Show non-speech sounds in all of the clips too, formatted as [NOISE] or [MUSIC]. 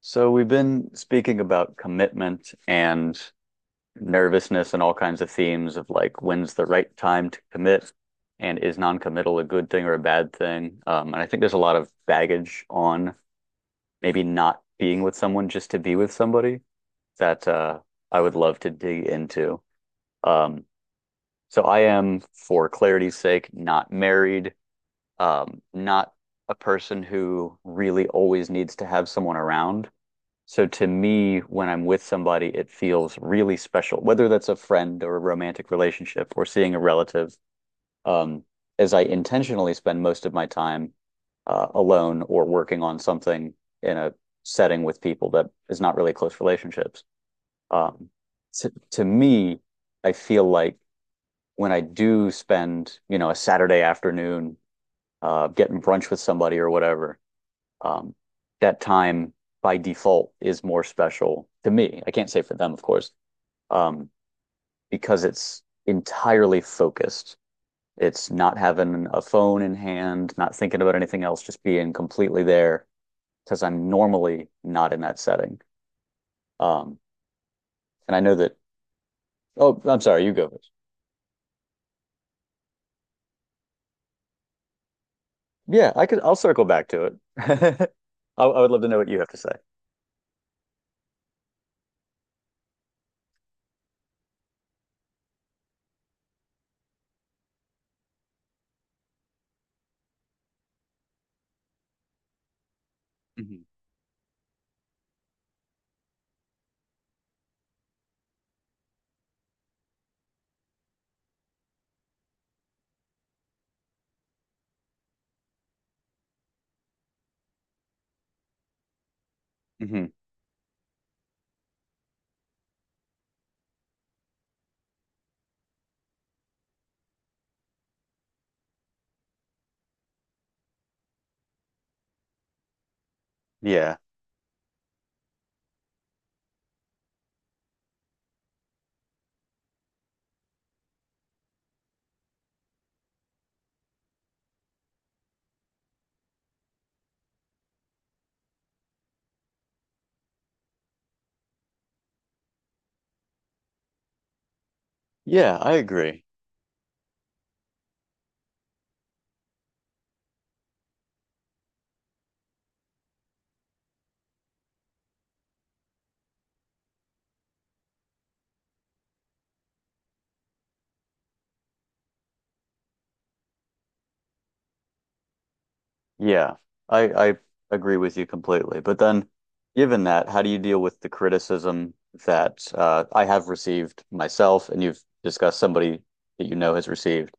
So we've been speaking about commitment and nervousness and all kinds of themes of like when's the right time to commit and is non-committal a good thing or a bad thing? And I think there's a lot of baggage on maybe not being with someone just to be with somebody that I would love to dig into. Um, so I am, for clarity's sake, not married, not a person who really always needs to have someone around, so to me, when I'm with somebody, it feels really special, whether that's a friend or a romantic relationship or seeing a relative, um, as I intentionally spend most of my time alone or working on something in a setting with people that is not really close relationships. Um, to me, I feel like when I do spend, a Saturday afternoon getting brunch with somebody or whatever, um, that time by default is more special to me. I can't say for them, of course, um, because it's entirely focused. It's not having a phone in hand, not thinking about anything else, just being completely there because I'm normally not in that setting. Um, and I know that, oh, I'm sorry, you go first. Yeah, I could, I'll circle back to it. [LAUGHS] I would love to know what you have to say. Hmm. Hmm. Yeah. Yeah, I agree. Yeah, I agree with you completely. But then, given that, how do you deal with the criticism that I have received myself, and you've discussed somebody that you know has received,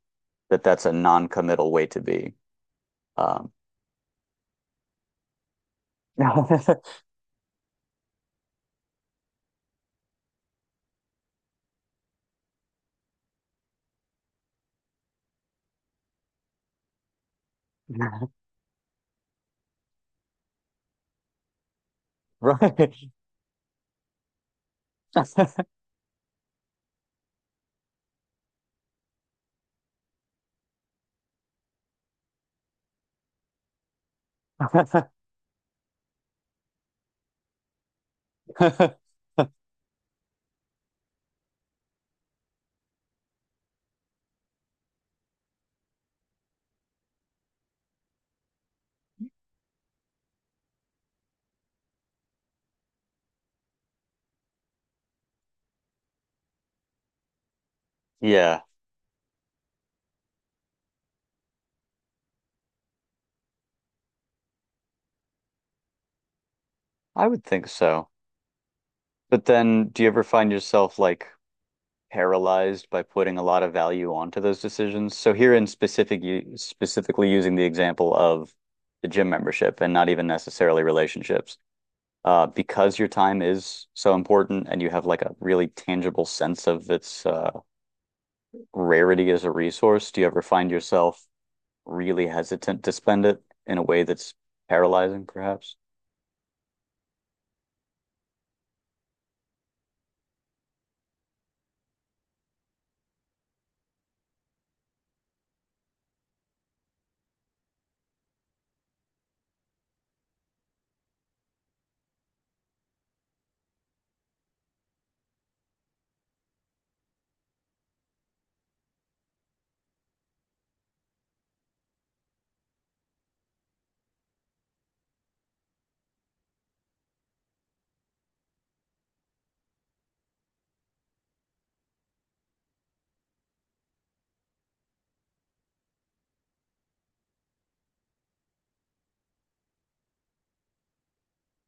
that that's a non-committal way to be? Um. [LAUGHS] Right. [LAUGHS] Yeah, I would think so. But then, do you ever find yourself like paralyzed by putting a lot of value onto those decisions? So here in specific, specifically using the example of the gym membership and not even necessarily relationships, because your time is so important and you have like a really tangible sense of its rarity as a resource, do you ever find yourself really hesitant to spend it in a way that's paralyzing, perhaps?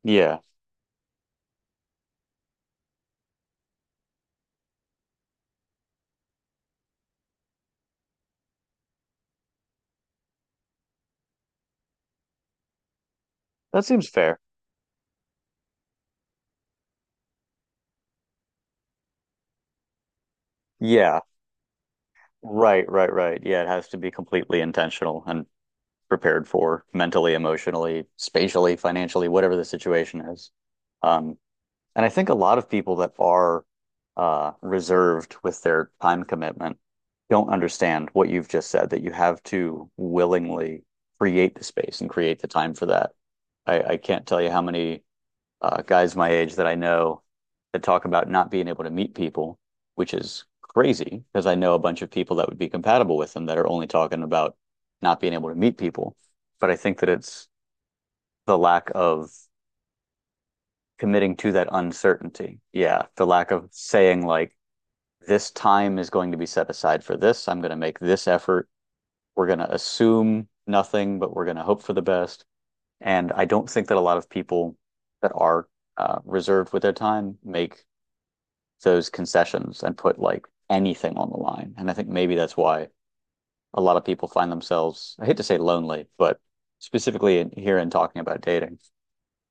Yeah, that seems fair. Yeah, right, right, right. Yeah, it has to be completely intentional and prepared for mentally, emotionally, spatially, financially, whatever the situation is. Um, and I think a lot of people that are reserved with their time commitment don't understand what you've just said, that you have to willingly create the space and create the time for that. I can't tell you how many guys my age that I know that talk about not being able to meet people, which is crazy because I know a bunch of people that would be compatible with them that are only talking about not being able to meet people. But I think that it's the lack of committing to that uncertainty. Yeah, the lack of saying, like, this time is going to be set aside for this. I'm going to make this effort. We're going to assume nothing, but we're going to hope for the best. And I don't think that a lot of people that are reserved with their time make those concessions and put like anything on the line. And I think maybe that's why a lot of people find themselves, I hate to say lonely, but specifically in, here in talking about dating,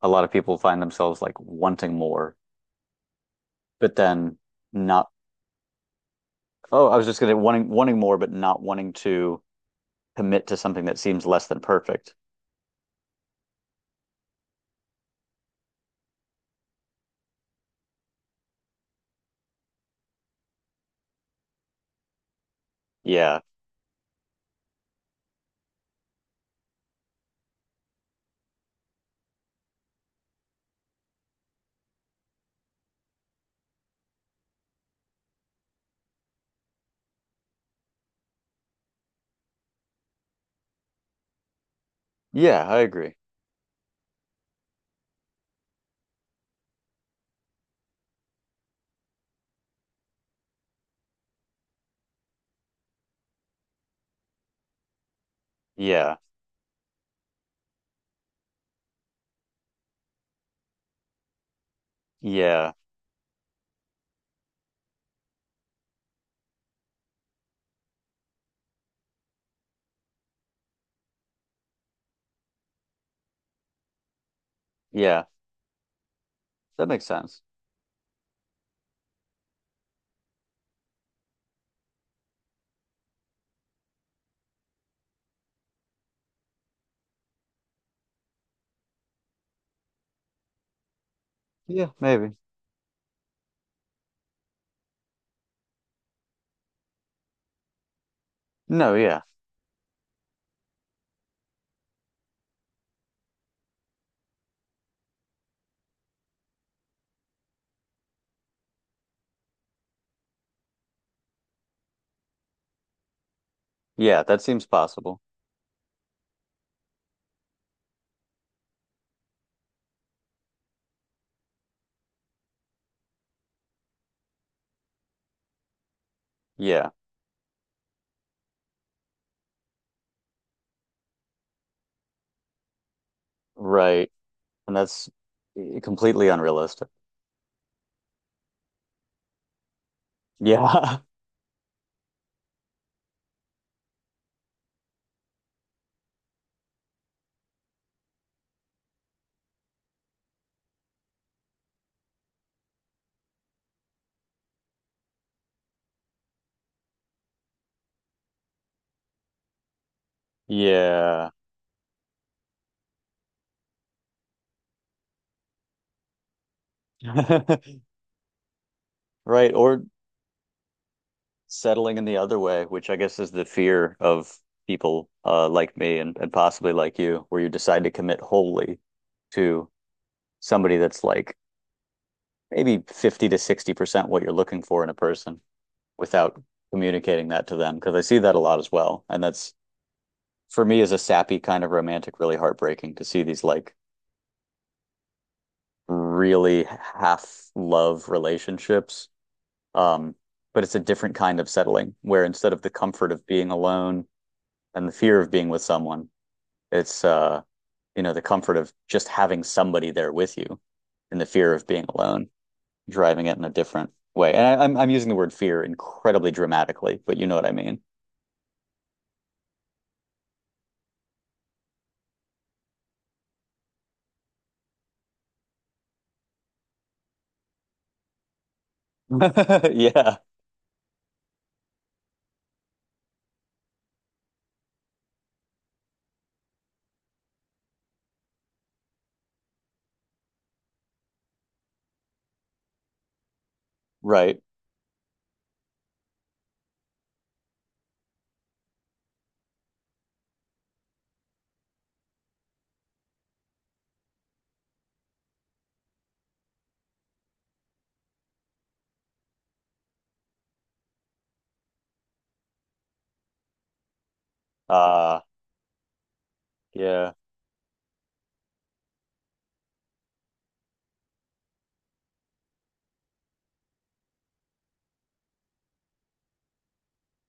a lot of people find themselves like wanting more, but then not, oh, I was just gonna, wanting more, but not wanting to commit to something that seems less than perfect. Yeah. Yeah, I agree. Yeah. Yeah. Yeah. That makes sense. Yeah, maybe. No, yeah. Yeah, that seems possible. Yeah. Right. And that's completely unrealistic. Yeah. [LAUGHS] Yeah. [LAUGHS] Right. Or settling in the other way, which I guess is the fear of people, like me and possibly like you, where you decide to commit wholly to somebody that's like maybe 50 to 60% what you're looking for in a person without communicating that to them. Because I see that a lot as well. And that's for me as a sappy kind of romantic, really heartbreaking to see these like really half love relationships. Um, but it's a different kind of settling where instead of the comfort of being alone and the fear of being with someone, it's, you know, the comfort of just having somebody there with you and the fear of being alone, driving it in a different way. And I, I'm using the word fear incredibly dramatically, but you know what I mean. [LAUGHS] Yeah, right. Uh, yeah,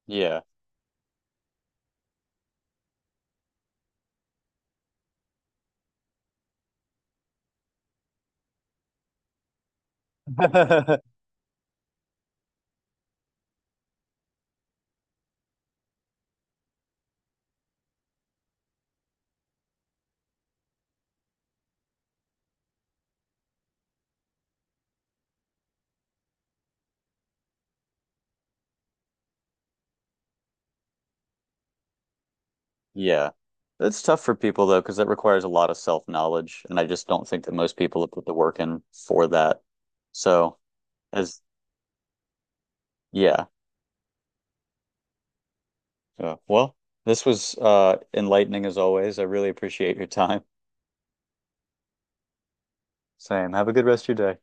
yeah. [LAUGHS] Yeah. It's tough for people though, because that requires a lot of self-knowledge, and I just don't think that most people have put the work in for that. So. As yeah. Well, this was enlightening as always. I really appreciate your time. Same. Have a good rest of your day.